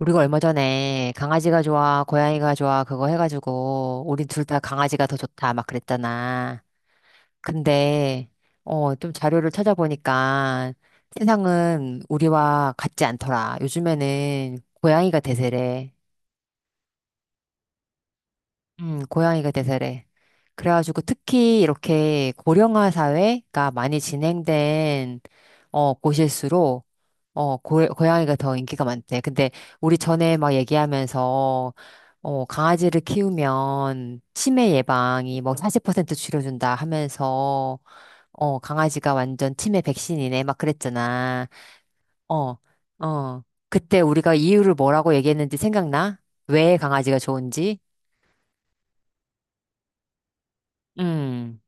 우리가 얼마 전에 강아지가 좋아, 고양이가 좋아, 그거 해가지고, 우리 둘 다 강아지가 더 좋다, 막 그랬잖아. 근데, 좀 자료를 찾아보니까 세상은 우리와 같지 않더라. 요즘에는 고양이가 대세래. 고양이가 대세래. 그래가지고 특히 이렇게 고령화 사회가 많이 진행된 곳일수록, 고양이가 더 인기가 많대. 근데 우리 전에 막 얘기하면서, 강아지를 키우면 치매 예방이 뭐 40% 줄여준다 하면서, 강아지가 완전 치매 백신이네. 막 그랬잖아. 어, 어. 그때 우리가 이유를 뭐라고 얘기했는지 생각나? 왜 강아지가 좋은지? 음,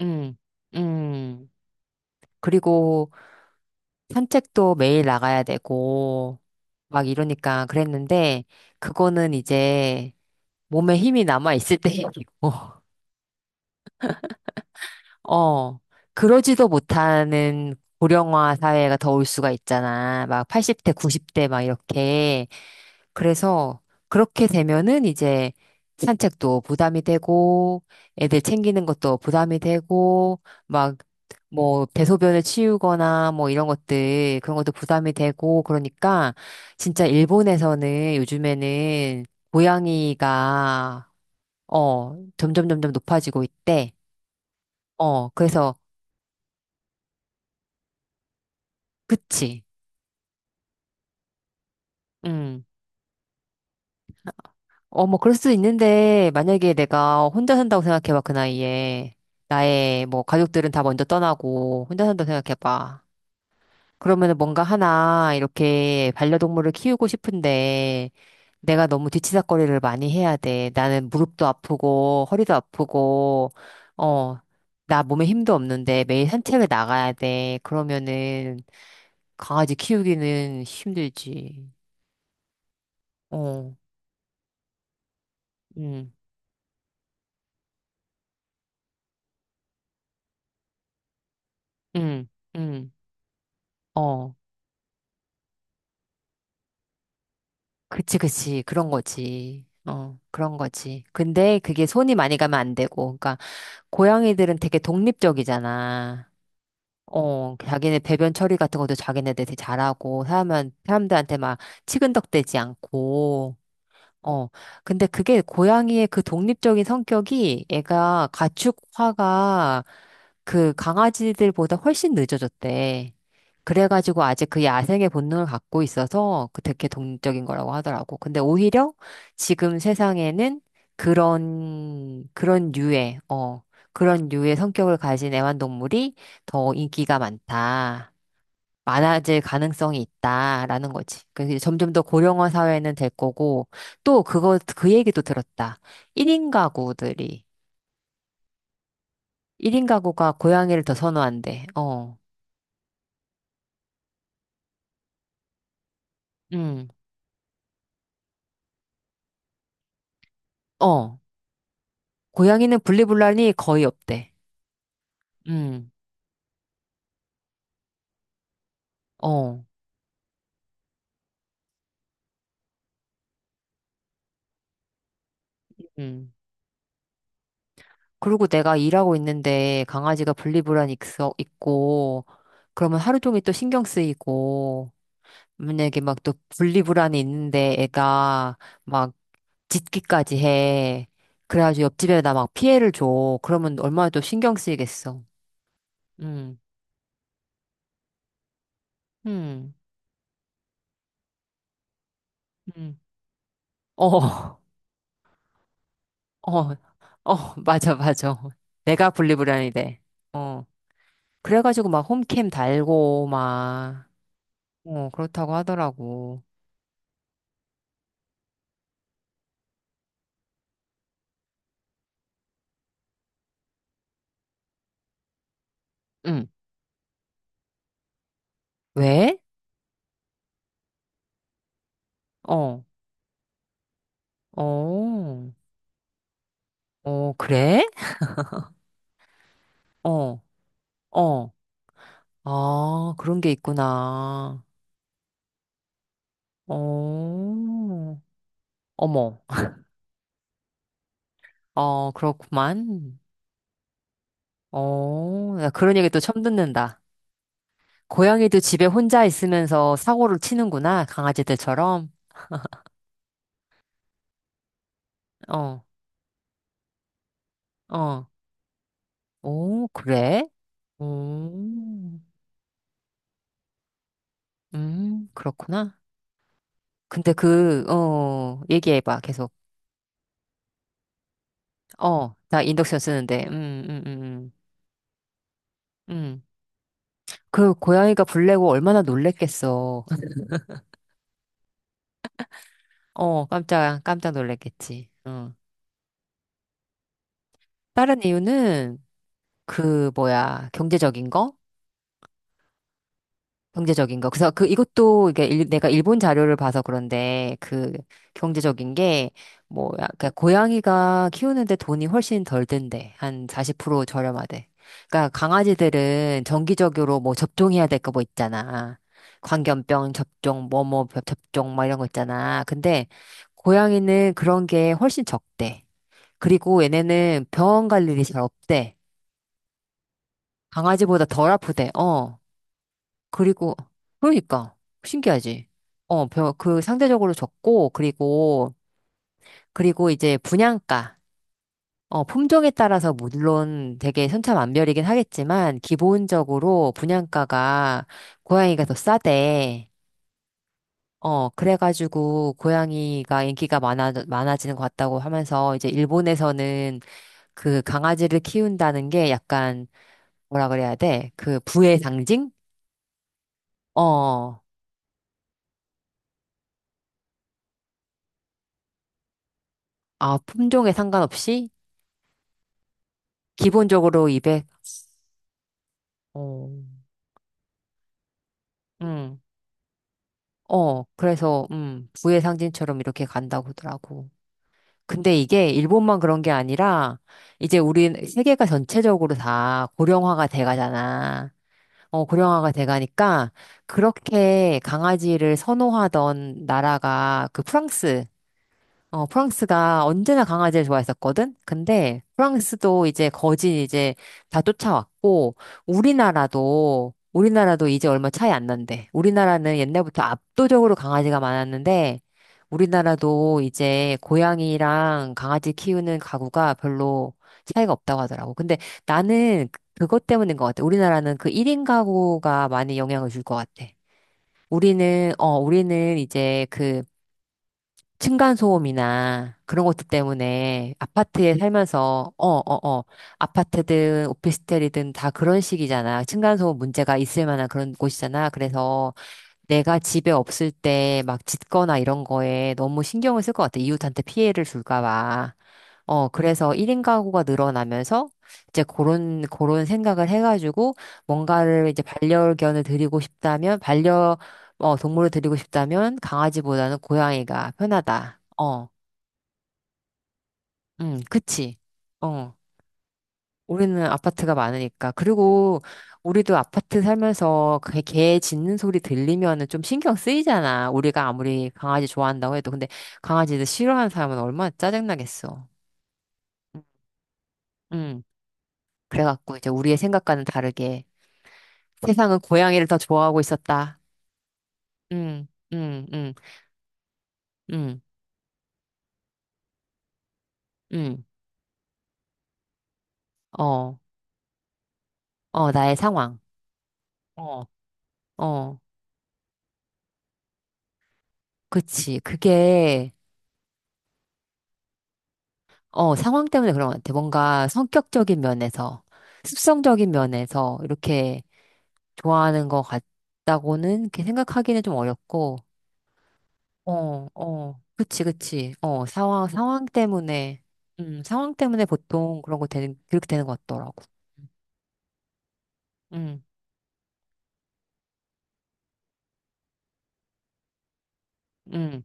음, 음. 그리고 산책도 매일 나가야 되고, 막 이러니까 그랬는데, 그거는 이제 몸에 힘이 남아있을 때 얘기고, 어, 그러지도 못하는 고령화 사회가 더 올 수가 있잖아. 막 80대, 90대 막 이렇게. 그래서 그렇게 되면은 이제 산책도 부담이 되고 애들 챙기는 것도 부담이 되고 막 뭐 대소변을 치우거나 뭐 이런 것들 그런 것도 부담이 되고 그러니까 진짜 일본에서는 요즘에는 고양이가 점점 점점 높아지고 있대. 그래서, 그치. 음. 뭐, 그럴 수도 있는데, 만약에 내가 혼자 산다고 생각해봐, 그 나이에. 나의, 뭐, 가족들은 다 먼저 떠나고, 혼자 산다고 생각해봐. 그러면은 뭔가 하나, 이렇게 반려동물을 키우고 싶은데, 내가 너무 뒤치다꺼리를 많이 해야 돼. 나는 무릎도 아프고, 허리도 아프고, 어, 나 몸에 힘도 없는데, 매일 산책을 나가야 돼. 그러면은, 강아지 키우기는 힘들지. 어, 응, 응, 응, 어. 그치, 그치. 그런 거지. 그런 거지. 근데 그게 손이 많이 가면 안 되고. 그러니까 고양이들은 되게 독립적이잖아. 자기네 배변 처리 같은 것도 자기네들 되게 잘하고, 사람들한테 막 치근덕대지 않고. 어. 근데 그게 고양이의 그 독립적인 성격이 애가 가축화가 그 강아지들보다 훨씬 늦어졌대. 그래가지고 아직 그 야생의 본능을 갖고 있어서 그 되게 독립적인 거라고 하더라고. 근데 오히려 지금 세상에는 그런, 그런 류의, 어, 그런 류의 성격을 가진 애완동물이 더 인기가 많다. 많아질 가능성이 있다라는 거지. 그 이제 점점 더 고령화 사회는 될 거고, 또 그거, 그 얘기도 들었다. 1인 가구들이, 1인 가구가 고양이를 더 선호한대. 어, 음, 어. 고양이는 분리불안이 거의 없대. 음, 어, 음. 그리고 내가 일하고 있는데 강아지가 분리불안이 있고, 그러면 하루 종일 또 신경 쓰이고, 만약에 막 또 분리불안이 있는데 애가 막 짖기까지 해. 그래가지고 옆집에다 막 피해를 줘. 그러면 얼마나 또 신경 쓰이겠어. 응, 응, 응, 어, 어, 어, 맞아, 맞아. 내가 분리불안이 돼. 어. 그래가지고 막 홈캠 달고 막, 그렇다고 하더라고. 응. 왜? 어, 어, 어, 그래? 어, 어. 아, 그런 게 있구나. 어, 어머. 어, 그렇구만. 어, 나 그런 얘기 또 처음 듣는다. 고양이도 집에 혼자 있으면서 사고를 치는구나. 강아지들처럼. 어, 어. 오, 그래? 오, 그렇구나. 근데 얘기해봐, 계속. 나 인덕션 쓰는데. 음, 음, 음. 그 고양이가 불내고 얼마나 놀랬겠어. 깜짝, 깜짝 놀랬겠지. 어. 다른 이유는, 그 뭐야 경제적인 거? 경제적인 거. 그래서 그 이것도 이게 내가 일본 자료를 봐서 그런데 그 경제적인 게 뭐야 그러니까 고양이가 키우는데 돈이 훨씬 덜 든대. 한 40% 저렴하대. 그러니까 강아지들은 정기적으로 뭐 접종해야 될 거 뭐 있잖아. 광견병 접종, 뭐 뭐 접종 막 이런 거 있잖아. 근데 고양이는 그런 게 훨씬 적대. 그리고 얘네는 병원 갈 일이 잘 없대. 강아지보다 덜 아프대. 어. 그리고, 그러니까, 신기하지? 그 상대적으로 적고, 그리고 이제 분양가, 품종에 따라서 물론 되게 천차만별이긴 하겠지만, 기본적으로 분양가가 고양이가 더 싸대. 그래가지고 고양이가 인기가 많아지는 것 같다고 하면서, 이제 일본에서는 그 강아지를 키운다는 게 약간, 뭐라 그래야 돼? 그 부의 상징? 어. 아, 품종에 상관없이 기본적으로 200. 어. 음. 그래서 부의 상징처럼 이렇게 간다고 하더라고. 근데 이게 일본만 그런 게 아니라 이제 우리 세계가 전체적으로 다 고령화가 돼 가잖아. 고령화가 돼 가니까 그렇게 강아지를 선호하던 나라가 프랑스가 언제나 강아지를 좋아했었거든? 근데 프랑스도 이제 거진 이제 다 쫓아왔고, 우리나라도, 우리나라도 이제 얼마 차이 안 난대. 우리나라는 옛날부터 압도적으로 강아지가 많았는데, 우리나라도 이제 고양이랑 강아지 키우는 가구가 별로 차이가 없다고 하더라고. 근데 나는 그것 때문인 것 같아. 우리나라는 그 1인 가구가 많이 영향을 줄 것 같아. 우리는 이제 그 층간소음이나 그런 것들 때문에 아파트에 살면서, 아파트든 오피스텔이든 다 그런 식이잖아. 층간소음 문제가 있을 만한 그런 곳이잖아. 그래서 내가 집에 없을 때 막 짖거나 이런 거에 너무 신경을 쓸 것 같아. 이웃한테 피해를 줄까 봐. 그래서 1인 가구가 늘어나면서 이제 그런 생각을 해가지고 뭔가를 이제 반려견을 드리고 싶다면, 동물을 드리고 싶다면 강아지보다는 고양이가 편하다. 어, 그치. 어, 우리는 아파트가 많으니까. 그리고 우리도 아파트 살면서 그 개 짖는 소리 들리면은 좀 신경 쓰이잖아. 우리가 아무리 강아지 좋아한다고 해도. 근데 강아지를 싫어하는 사람은 얼마나 짜증나겠어. 음, 그래갖고 이제 우리의 생각과는 다르게 세상은 고양이를 더 좋아하고 있었다. 응, 응, 응, 응, 응. 어, 어, 나의 상황. 어, 어, 그치. 상황 때문에 그런 것 같아. 뭔가 성격적인 면에서, 습성적인 면에서 이렇게 좋아하는 것 같다고는 이렇게 생각하기는 좀 어렵고, 어, 어, 그치, 그치. 어, 상황 때문에, 상황 때문에 보통 그렇게 되는 것 같더라고. 응, 응.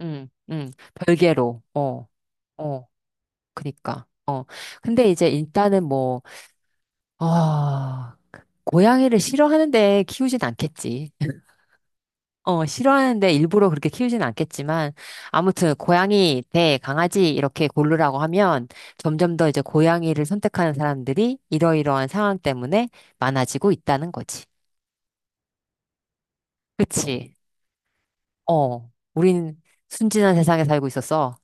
응, 응, 별개로, 어, 어, 그니까, 어. 근데 이제 일단은 뭐, 어, 고양이를 싫어하는데 키우진 않겠지. 싫어하는데 일부러 그렇게 키우진 않겠지만, 아무튼 고양이 대 강아지 이렇게 고르라고 하면 점점 더 이제 고양이를 선택하는 사람들이 이러이러한 상황 때문에 많아지고 있다는 거지. 그치? 우린 순진한 세상에 살고 있었어.